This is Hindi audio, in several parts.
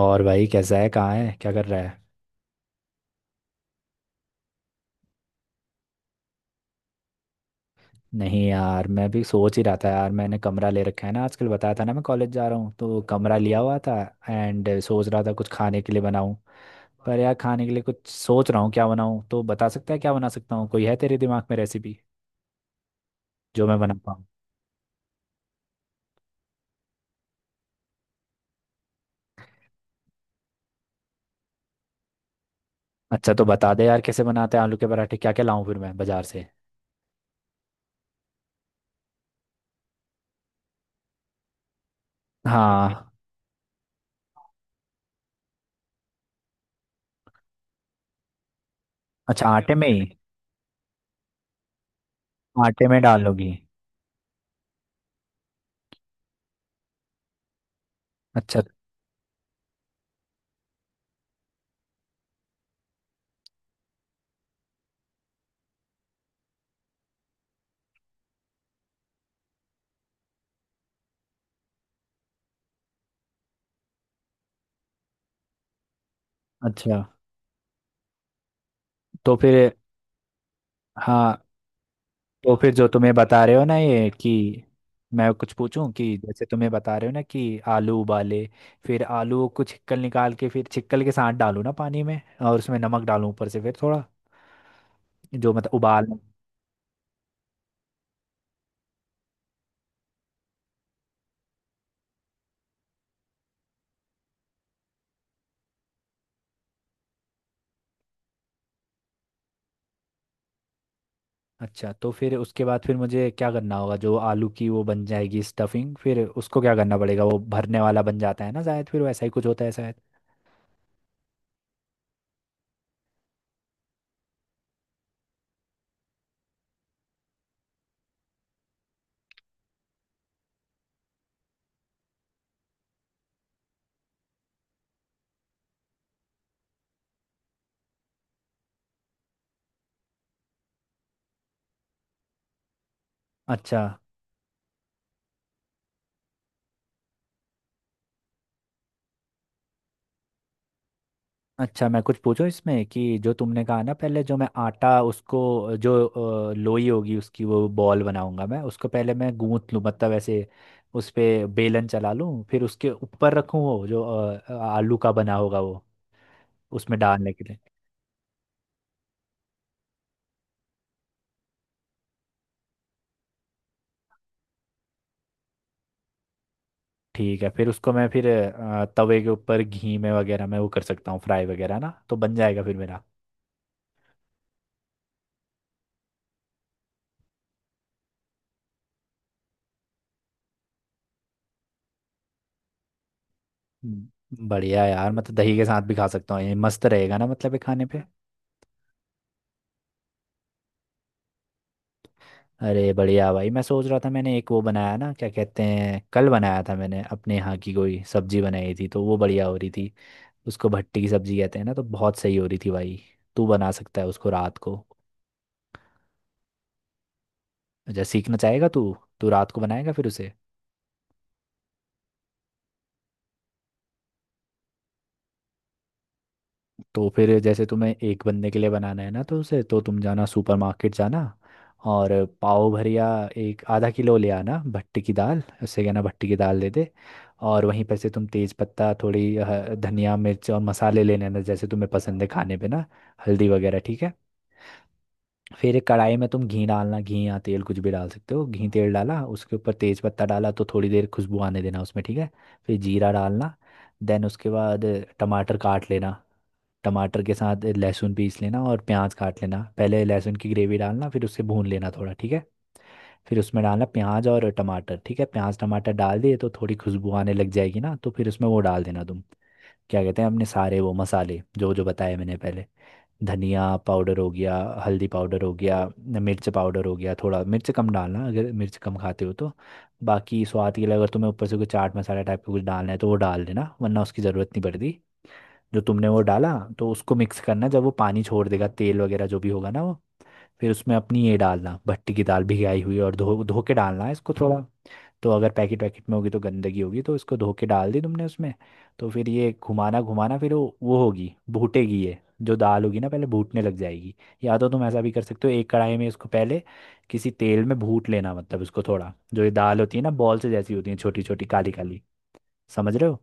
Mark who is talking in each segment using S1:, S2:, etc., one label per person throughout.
S1: और भाई, कैसा है? कहाँ है? क्या कर रहा है? नहीं यार, मैं भी सोच ही रहा था। यार, मैंने कमरा ले रखा है ना, आजकल बताया था ना, मैं कॉलेज जा रहा हूँ तो कमरा लिया हुआ था। एंड सोच रहा था कुछ खाने के लिए बनाऊँ। पर यार, खाने के लिए कुछ सोच रहा हूँ क्या बनाऊँ, तो बता सकता है क्या बना सकता हूँ? कोई है तेरे दिमाग में रेसिपी जो मैं बना पाऊँ? अच्छा, तो बता दे यार, कैसे बनाते हैं आलू के पराठे, क्या क्या लाऊं फिर मैं बाजार से। हाँ। अच्छा, आटे में ही? आटे में डाल लोगी? अच्छा। अच्छा। तो फिर? हाँ। तो फिर जो तुम्हें बता रहे हो ना ये कि, मैं कुछ पूछूं कि जैसे तुम्हें बता रहे हो ना कि आलू उबाले, फिर आलू को छिकल निकाल के, फिर छिकल के साथ डालूं ना पानी में, और उसमें नमक डालूं ऊपर से, फिर थोड़ा, जो मतलब उबाल। अच्छा, तो फिर उसके बाद फिर मुझे क्या करना होगा? जो आलू की वो बन जाएगी स्टफिंग, फिर उसको क्या करना पड़ेगा? वो भरने वाला बन जाता है ना शायद, फिर वैसा ही कुछ होता है शायद। अच्छा। अच्छा, मैं कुछ पूछूं इसमें कि जो तुमने कहा ना पहले, जो मैं आटा उसको जो लोई होगी उसकी वो बॉल बनाऊंगा, मैं उसको पहले मैं गूंथ लूं, मतलब ऐसे उस पे बेलन चला लूं, फिर उसके ऊपर रखूं वो जो आलू का बना होगा वो, उसमें डालने के लिए। ठीक है, फिर उसको मैं फिर तवे के ऊपर घी में वगैरह मैं वो कर सकता हूँ फ्राई वगैरह ना, तो बन जाएगा फिर मेरा। बढ़िया यार, मतलब दही के साथ भी खा सकता हूँ, ये मस्त रहेगा ना, मतलब ये खाने पे। अरे बढ़िया भाई, मैं सोच रहा था मैंने एक वो बनाया ना, क्या कहते हैं, कल बनाया था मैंने, अपने यहाँ की कोई सब्जी बनाई थी, तो वो बढ़िया हो रही थी। उसको भट्टी की सब्जी कहते हैं ना, तो बहुत सही हो रही थी भाई। तू बना सकता है उसको रात को? अच्छा, सीखना चाहेगा तू तू रात को बनाएगा फिर उसे? तो फिर जैसे तुम्हें एक बंदे के लिए बनाना है ना, तो उसे तो तुम जाना सुपरमार्केट जाना, और पाव भरिया, एक आधा किलो ले आना भट्टी की दाल, उससे कहना भट्टी की दाल दे दे। और वहीं पर से तुम तेज पत्ता, थोड़ी धनिया मिर्च और मसाले ले लेना जैसे तुम्हें पसंद है खाने पे ना, हल्दी वगैरह, ठीक है। फिर एक कढ़ाई में तुम घी डालना, घी या तेल कुछ भी डाल सकते हो। घी तेल डाला, उसके ऊपर तेज पत्ता डाला, तो थोड़ी देर खुशबू आने देना उसमें, ठीक है। फिर जीरा डालना। देन उसके बाद टमाटर काट लेना। टमाटर के साथ लहसुन पीस लेना और प्याज काट लेना। पहले लहसुन की ग्रेवी डालना, फिर उससे भून लेना थोड़ा, ठीक है। फिर उसमें डालना प्याज और टमाटर, ठीक है। प्याज टमाटर डाल दिए तो थोड़ी खुशबू आने लग जाएगी ना, तो फिर उसमें वो डाल देना तुम, क्या कहते हैं, अपने सारे वो मसाले जो जो बताए मैंने पहले। धनिया पाउडर हो गया, हल्दी पाउडर हो गया, मिर्च पाउडर हो गया। थोड़ा मिर्च कम डालना अगर मिर्च कम खाते हो तो, बाकी स्वाद के लिए, अगर तुम्हें ऊपर से कोई चाट मसाला टाइप का कुछ डालना है तो वो डाल देना, वरना उसकी ज़रूरत नहीं पड़ती। जो तुमने वो डाला, तो उसको मिक्स करना, जब वो पानी छोड़ देगा, तेल वगैरह जो भी होगा ना वो, फिर उसमें अपनी ये डालना भट्टी की दाल, भिगाई हुई और धो धो के डालना है इसको, थोड़ा। तो अगर पैकेट वैकेट में होगी तो गंदगी होगी, तो इसको धो के डाल दी तुमने उसमें। तो फिर ये घुमाना घुमाना, फिर वो होगी भूटेगी, ये जो दाल होगी ना पहले भूटने लग जाएगी। या तो तुम ऐसा भी कर सकते हो, एक कढ़ाई में इसको पहले किसी तेल में भूट लेना, मतलब इसको थोड़ा, जो ये दाल होती है ना बॉल से जैसी होती है, छोटी छोटी, काली काली, समझ रहे हो?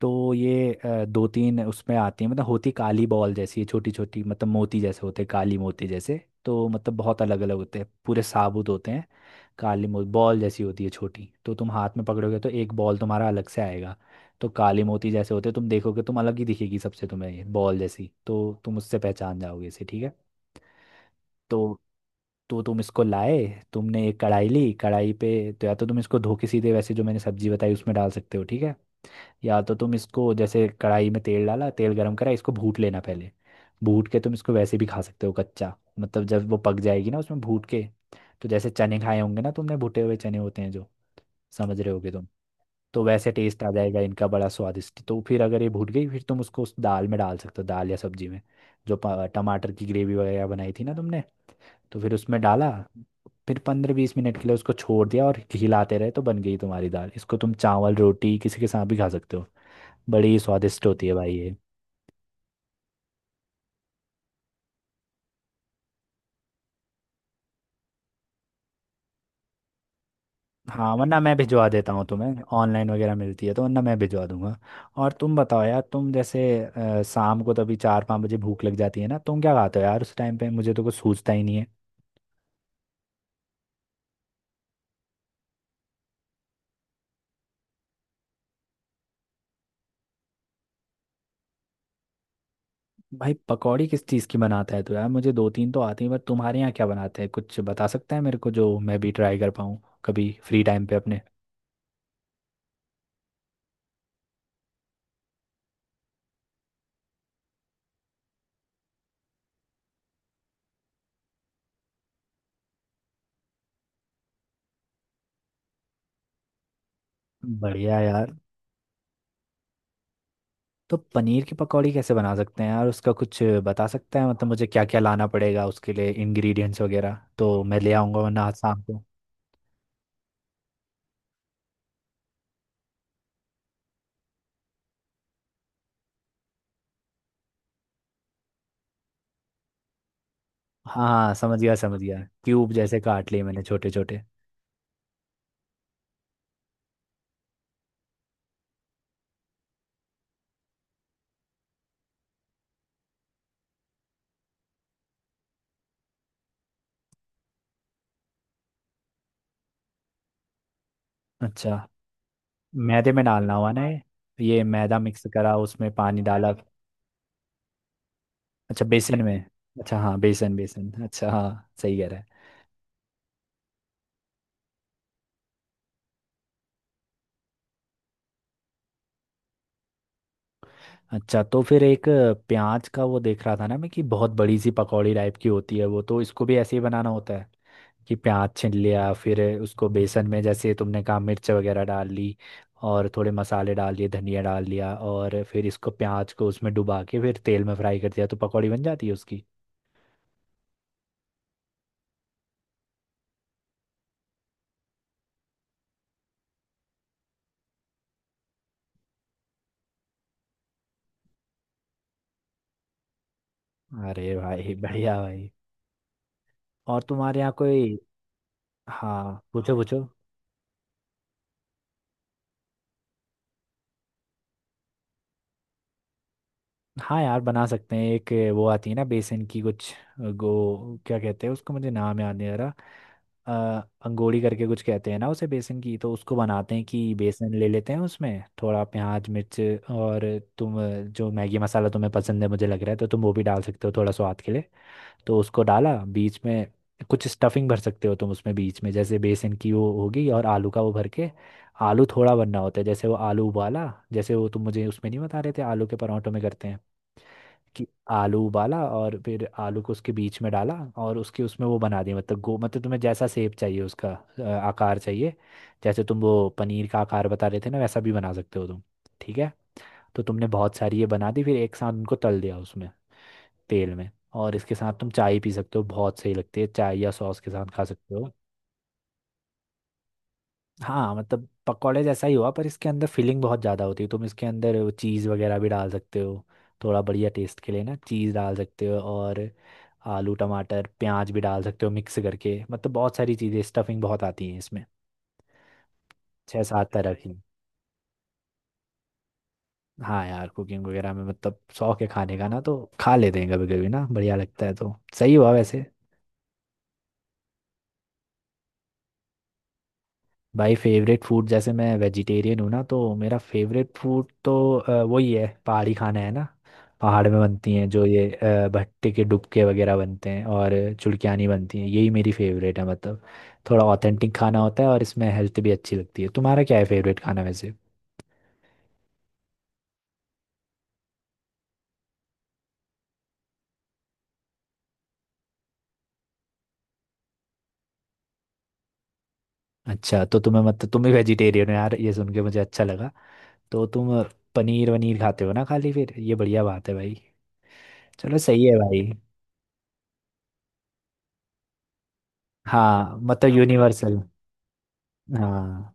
S1: तो ये 2-3 उसमें आती है, मतलब होती काली बॉल जैसी छोटी छोटी, मतलब मोती जैसे होते हैं, काली मोती जैसे, तो मतलब बहुत अलग अलग होते हैं, पूरे साबुत होते हैं। काली मोती बॉल जैसी होती है छोटी, तो तुम हाथ में पकड़ोगे तो एक बॉल तुम्हारा अलग से आएगा। तो काली मोती जैसे होते हैं, तुम देखोगे, तुम अलग ही दिखेगी सबसे, तुम्हें ये बॉल जैसी, तो तुम उससे पहचान जाओगे इसे, ठीक है। तो तो तुम इसको लाए, तुमने एक कढ़ाई ली, कढ़ाई पे, तो या तो तुम इसको धो के सीधे वैसे जो मैंने सब्जी बताई उसमें डाल सकते हो, ठीक है। या तो तुम इसको जैसे कढ़ाई में तेल डाला, तेल गरम करा, इसको भूट लेना पहले। भूट के तुम इसको वैसे भी खा सकते हो कच्चा, मतलब जब वो पक जाएगी ना, उसमें भूट के, तो जैसे चने खाए होंगे ना तुमने, भुटे हुए चने होते हैं जो, समझ रहे होगे तुम। तो वैसे टेस्ट आ जाएगा इनका बड़ा स्वादिष्ट। तो फिर अगर ये भूट गई, फिर तुम उसको उस दाल में डाल सकते हो, दाल या सब्जी में, जो टमाटर की ग्रेवी वगैरह बनाई थी ना तुमने, तो फिर उसमें डाला। फिर 15-20 मिनट के लिए उसको छोड़ दिया और हिलाते रहे, तो बन गई तुम्हारी दाल। इसको तुम चावल रोटी किसी के साथ भी खा सकते हो, बड़ी स्वादिष्ट होती है भाई ये। हाँ, वरना मैं भिजवा देता हूँ तुम्हें, ऑनलाइन वगैरह मिलती है तो, वरना मैं भिजवा दूंगा। और तुम बताओ यार, तुम जैसे शाम को, तो अभी 4-5 बजे भूख लग जाती है ना, तुम क्या खाते हो यार उस टाइम पे? मुझे तो कुछ सूझता ही नहीं है। भाई पकौड़ी किस चीज़ की बनाता है? तो यार मुझे 2-3 तो आती है, पर तुम्हारे यहाँ क्या बनाते हैं, कुछ बता सकता है मेरे को, जो मैं भी ट्राई कर पाऊँ कभी फ्री टाइम पे अपने। बढ़िया यार। तो पनीर की पकौड़ी कैसे बना सकते हैं यार, उसका कुछ बता सकते हैं? मतलब मुझे क्या क्या लाना पड़ेगा उसके लिए, इंग्रेडिएंट्स वगैरह तो मैं ले आऊँगा, वरना आज शाम को। हाँ हाँ, समझ गया समझ गया, क्यूब जैसे काट लिए मैंने छोटे छोटे। अच्छा, मैदे में डालना हुआ ना ये मैदा मिक्स करा, उसमें पानी डाला। अच्छा, बेसन में। अच्छा हाँ, बेसन बेसन, अच्छा हाँ सही कह रहा है। अच्छा, तो फिर एक प्याज का वो देख रहा था ना मैं, कि बहुत बड़ी सी पकौड़ी टाइप की होती है वो, तो इसको भी ऐसे ही बनाना होता है, कि प्याज छील लिया, फिर उसको बेसन में जैसे तुमने कहा मिर्च वगैरह डाल ली, और थोड़े मसाले डाल लिए, धनिया डाल लिया, और फिर इसको प्याज को उसमें डुबा के फिर तेल में फ्राई कर दिया, तो पकौड़ी बन जाती है उसकी। अरे भाई बढ़िया भाई। और तुम्हारे यहाँ कोई, हाँ पूछो पूछो। हाँ यार बना सकते हैं, एक वो आती है ना बेसन की कुछ, गो, क्या कहते हैं उसको, मुझे नाम याद नहीं आ रहा, अंगोड़ी करके कुछ कहते हैं ना उसे, बेसन की। तो उसको बनाते हैं कि बेसन ले लेते हैं, उसमें थोड़ा प्याज मिर्च, और तुम जो मैगी मसाला तुम्हें पसंद है मुझे लग रहा है, तो तुम वो भी डाल सकते हो थोड़ा स्वाद के लिए। तो उसको डाला बीच में, कुछ स्टफिंग भर सकते हो तुम उसमें बीच में, जैसे बेसन की वो होगी और आलू का वो भर के, आलू थोड़ा भरना होता है, जैसे वो आलू उबाला, जैसे वो तुम मुझे उसमें नहीं बता रहे थे आलू के परांठों में करते हैं कि आलू उबाला और फिर आलू को उसके बीच में डाला, और उसके उसमें वो बना दिया, मतलब गो, मतलब तुम्हें जैसा शेप चाहिए उसका, आकार चाहिए, जैसे तुम वो पनीर का आकार बता रहे थे ना, वैसा भी बना सकते हो तुम, ठीक है। तो तुमने बहुत सारी ये बना दी, फिर एक साथ उनको तल दिया उसमें, तेल में, और इसके साथ तुम चाय पी सकते हो, बहुत सही लगती है चाय, या सॉस के साथ खा सकते हो। हाँ, मतलब पकौड़े जैसा ही हुआ, पर इसके अंदर फिलिंग बहुत ज़्यादा होती है, तुम इसके अंदर चीज़ वगैरह भी डाल सकते हो थोड़ा बढ़िया टेस्ट के लिए ना, चीज़ डाल सकते हो, और आलू टमाटर प्याज भी डाल सकते हो मिक्स करके, मतलब बहुत सारी चीज़ें, स्टफिंग बहुत आती है इसमें, 6-7 तरह अच्छा की। हाँ यार, कुकिंग वगैरह में मतलब शौक है खाने का ना, तो खा लेते हैं कभी कभी ना, बढ़िया लगता है, तो सही हुआ वैसे। भाई फेवरेट फूड, जैसे मैं वेजिटेरियन हूँ ना, तो मेरा फेवरेट फूड तो वही है, पहाड़ी खाना है ना। पहाड़ में बनती हैं जो ये भट्टे के डुबके वगैरह बनते हैं, और चुड़कियानी बनती हैं, यही मेरी फेवरेट है, मतलब थोड़ा ऑथेंटिक खाना होता है और इसमें हेल्थ भी अच्छी लगती है। तुम्हारा क्या है फेवरेट खाना वैसे? अच्छा, तो तुम्हें मतलब तुम भी वेजिटेरियन हो यार, ये सुन के मुझे अच्छा लगा। तो तुम पनीर वनीर खाते हो ना खाली फिर, ये बढ़िया बात है भाई, चलो सही है भाई। हाँ, मतलब यूनिवर्सल। हाँ।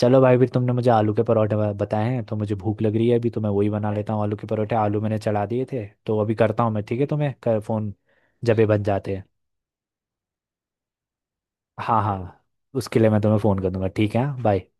S1: चलो भाई, फिर तुमने मुझे आलू के परोठे बताए हैं, तो मुझे भूख लग रही है, अभी तो मैं वही बना लेता हूँ आलू के परोठे, आलू मैंने चढ़ा दिए थे तो अभी करता हूँ मैं, ठीक है, तुम्हें फोन जब ये बन जाते हैं। हाँ हाँ, उसके लिए मैं तुम्हें फोन कर दूंगा, ठीक है। हाँ, बाय।